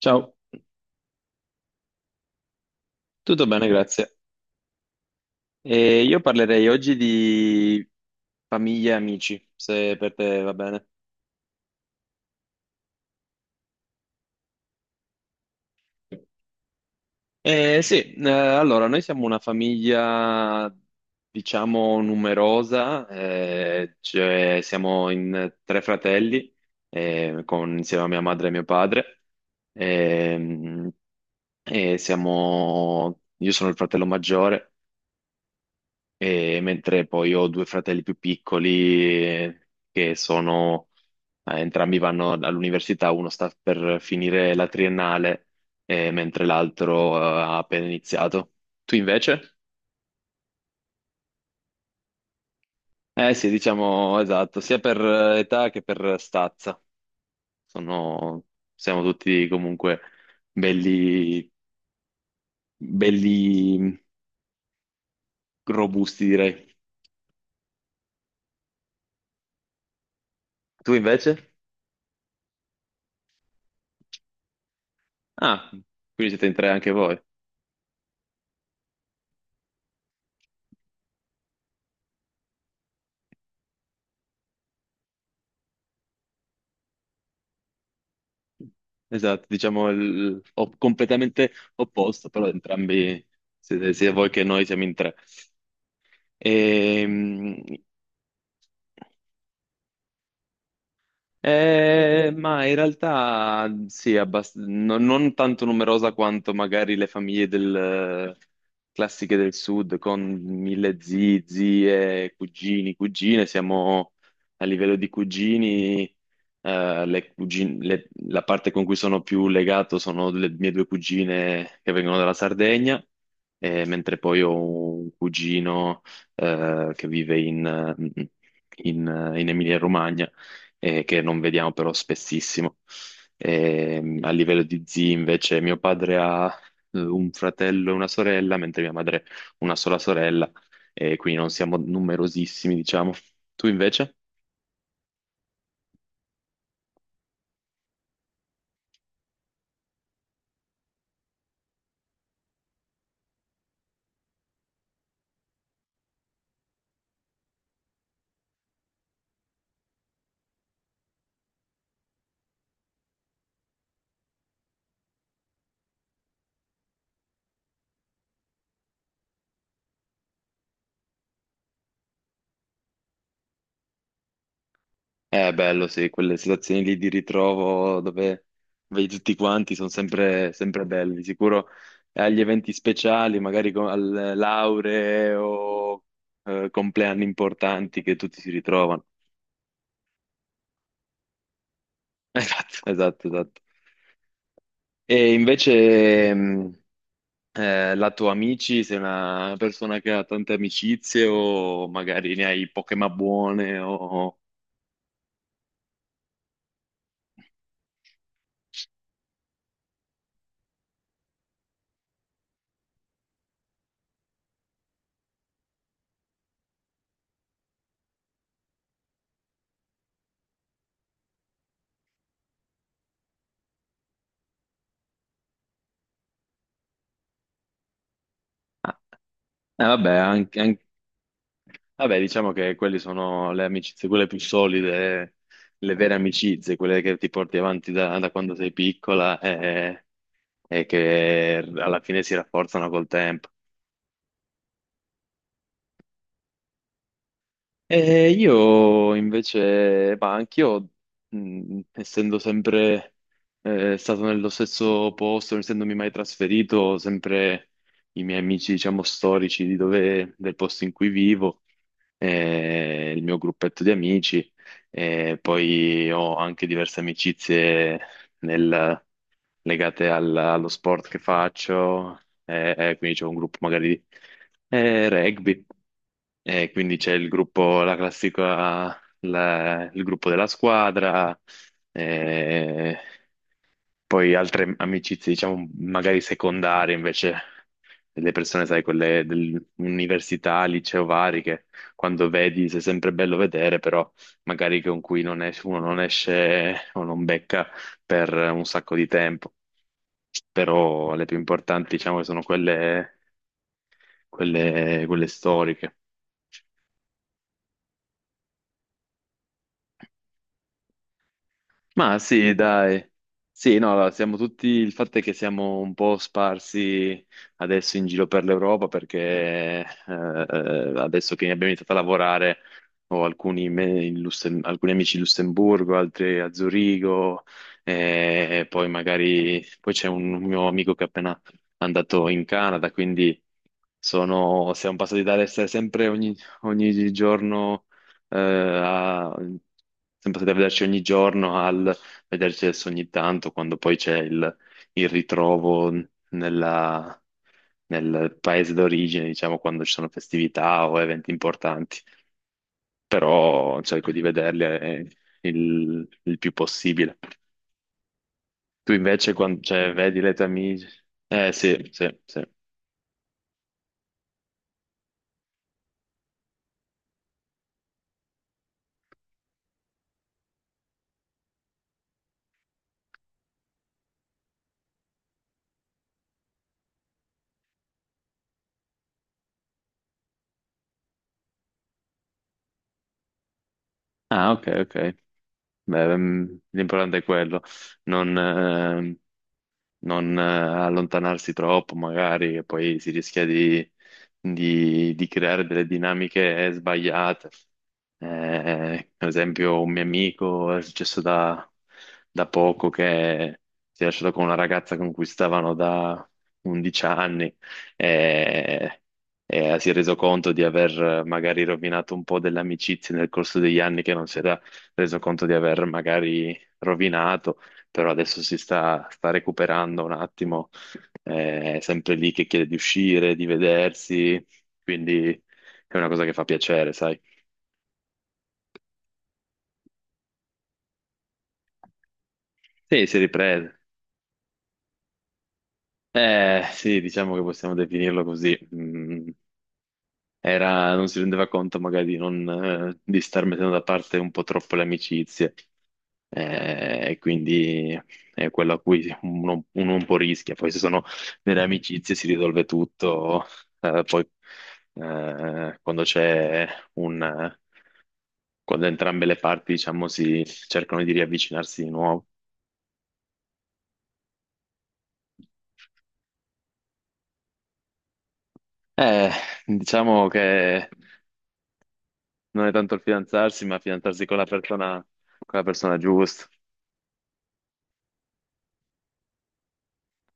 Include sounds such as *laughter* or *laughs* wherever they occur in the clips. Ciao, tutto bene, grazie. E io parlerei oggi di famiglie e amici, se per te va bene. Sì, allora, noi siamo una famiglia, diciamo, numerosa, cioè siamo in tre fratelli, insieme a mia madre e mio padre. Ehm, io sono il fratello maggiore e mentre poi ho due fratelli più piccoli che sono, entrambi vanno all'università, uno sta per finire la triennale, mentre l'altro, ha appena iniziato. Tu invece? Eh sì, diciamo esatto, sia per età che per stazza. Sono, siamo tutti comunque belli, belli, robusti, direi. Tu invece? Ah, quindi siete in tre anche voi. Esatto, diciamo il, completamente opposto, però entrambi siete, sia voi che noi, siamo in tre. Ehm, ma in realtà sì, non tanto numerosa quanto magari le famiglie classiche del sud, con mille zii, zie, cugini, cugine. Siamo a livello di cugini, la parte con cui sono più legato sono le mie due cugine che vengono dalla Sardegna, mentre poi ho un cugino, che vive in Emilia-Romagna, che non vediamo però spessissimo. A livello di zii, invece, mio padre ha un fratello e una sorella, mentre mia madre una sola sorella, e quindi non siamo numerosissimi, diciamo. Tu invece? È bello, sì, quelle situazioni lì di ritrovo dove vedi tutti quanti sono sempre belli. Di sicuro, eh, agli eventi speciali, magari co- al lauree o compleanni importanti, che tutti si ritrovano. *laughs* Esatto, esatto, esatto. E invece, lato amici, sei una persona che ha tante amicizie o magari ne hai poche ma buone o... Ah, vabbè, vabbè, diciamo che quelle sono le amicizie, quelle più solide, le vere amicizie, quelle che ti porti avanti da, da quando sei piccola, e che alla fine si rafforzano col tempo. E io invece, ma anch'io, essendo sempre stato nello stesso posto, non essendomi mai trasferito, sempre i miei amici, diciamo, storici di del posto in cui vivo, il mio gruppetto di amici, e poi ho anche diverse amicizie nel- legate allo sport che faccio, quindi c'è un gruppo magari di rugby, quindi c'è il gruppo, la classica, il gruppo della squadra, eh, poi altre amicizie, diciamo, magari secondarie invece, delle persone, sai, quelle dell'università, liceo vari, che quando vedi sei sempre bello vedere, però magari con cui non es- uno non esce o non becca per un sacco di tempo. Però le più importanti, diciamo, sono quelle storiche. Ma sì, dai. Sì, no, allora, siamo tutti, il fatto è che siamo un po' sparsi adesso in giro per l'Europa, perché adesso che abbiamo iniziato a lavorare ho alcuni amici in Lussemburgo, altri a Zurigo, e poi magari poi c'è un mio amico che è appena andato in Canada, quindi siamo passati dall'essere sempre ogni, ogni giorno a- sempre da vederci ogni giorno al vederci adesso ogni tanto, quando poi c'è il ritrovo nella- nel paese d'origine, diciamo, quando ci sono festività o eventi importanti. Però cerco di vederli il più possibile. Tu invece, quando, cioè, vedi le tue amiche? Eh sì, sì, sì. Ah, ok, ok. Beh, mm, l'importante è quello. Non, ehm, non allontanarsi troppo, magari, e poi si rischia di creare delle dinamiche sbagliate. Per esempio, un mio amico è successo da poco che si è lasciato con una ragazza con cui stavano da 11 anni, e, e si è reso conto di aver magari rovinato un po' delle amicizie nel corso degli anni che non si era reso conto di aver magari rovinato, però adesso sta recuperando un attimo, è sempre lì che chiede di uscire, di vedersi, quindi è una cosa che fa piacere, sai? Sì, si è ripreso. Sì, diciamo che possiamo definirlo così. Mm, non si rendeva conto magari di, non, di star mettendo da parte un po' troppo le amicizie, e quindi è quello a cui uno un po' rischia. Poi se sono delle amicizie si risolve tutto, poi quando c'è un... quando entrambe le parti, diciamo, si cercano di riavvicinarsi di nuovo. Eh, diciamo che non è tanto il fidanzarsi, ma fidanzarsi con la persona giusta.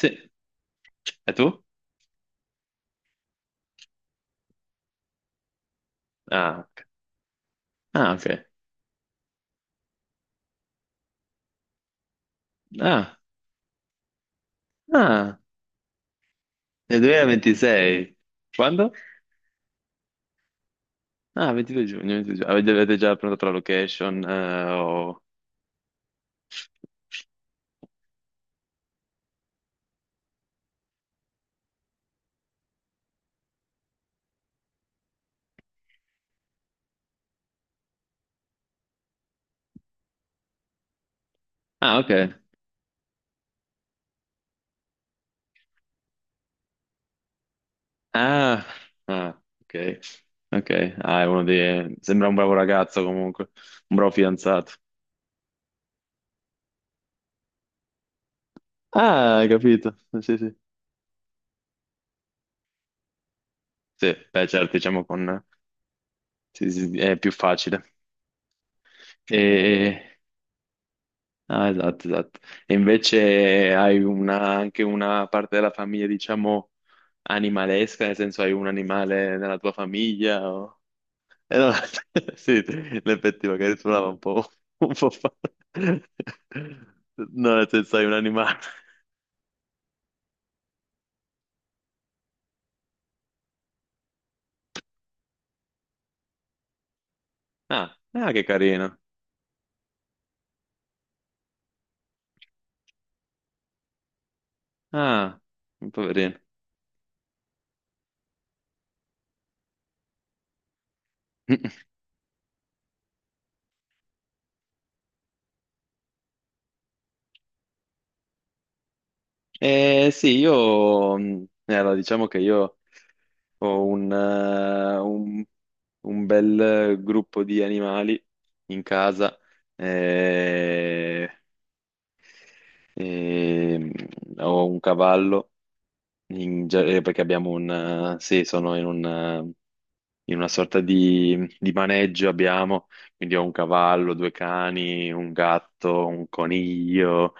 Sì. E tu? Ah, ok. Ah, ok. Ah, ah, nel 2026. Quando? Ah, 22 giugno, 22 giugno. Avete, avete già prenotato la location? Ah, ok. Ah, ah, ok. Ok. Ah, è uno dei... Sembra un bravo ragazzo comunque, un bravo fidanzato. Ah, hai capito. Sì, sì. Sì, beh, certo, diciamo con... sì, sì, sì, è più facile. E... Ah, esatto, esatto. E invece hai anche una parte della famiglia, diciamo, animalesca, nel senso hai un animale nella tua famiglia? No, *laughs* sì, in effetti magari suonava un po', *laughs* un po' No, nel senso hai un animale. Ah, ah, che carino. Ah, un poverino. *laughs* Eh sì, allora, diciamo che ho un bel gruppo di animali in casa, eh, e ho un cavallo, perché abbiamo sì, sono in una sorta di maneggio, abbiamo, quindi ho un cavallo, due cani, un gatto, un coniglio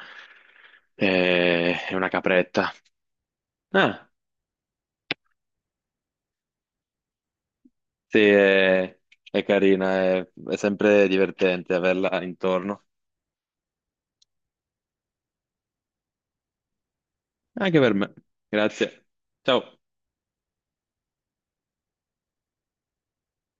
e una capretta. Ah, sì, è carina, è sempre divertente averla intorno. Anche per me. Grazie. Ciao.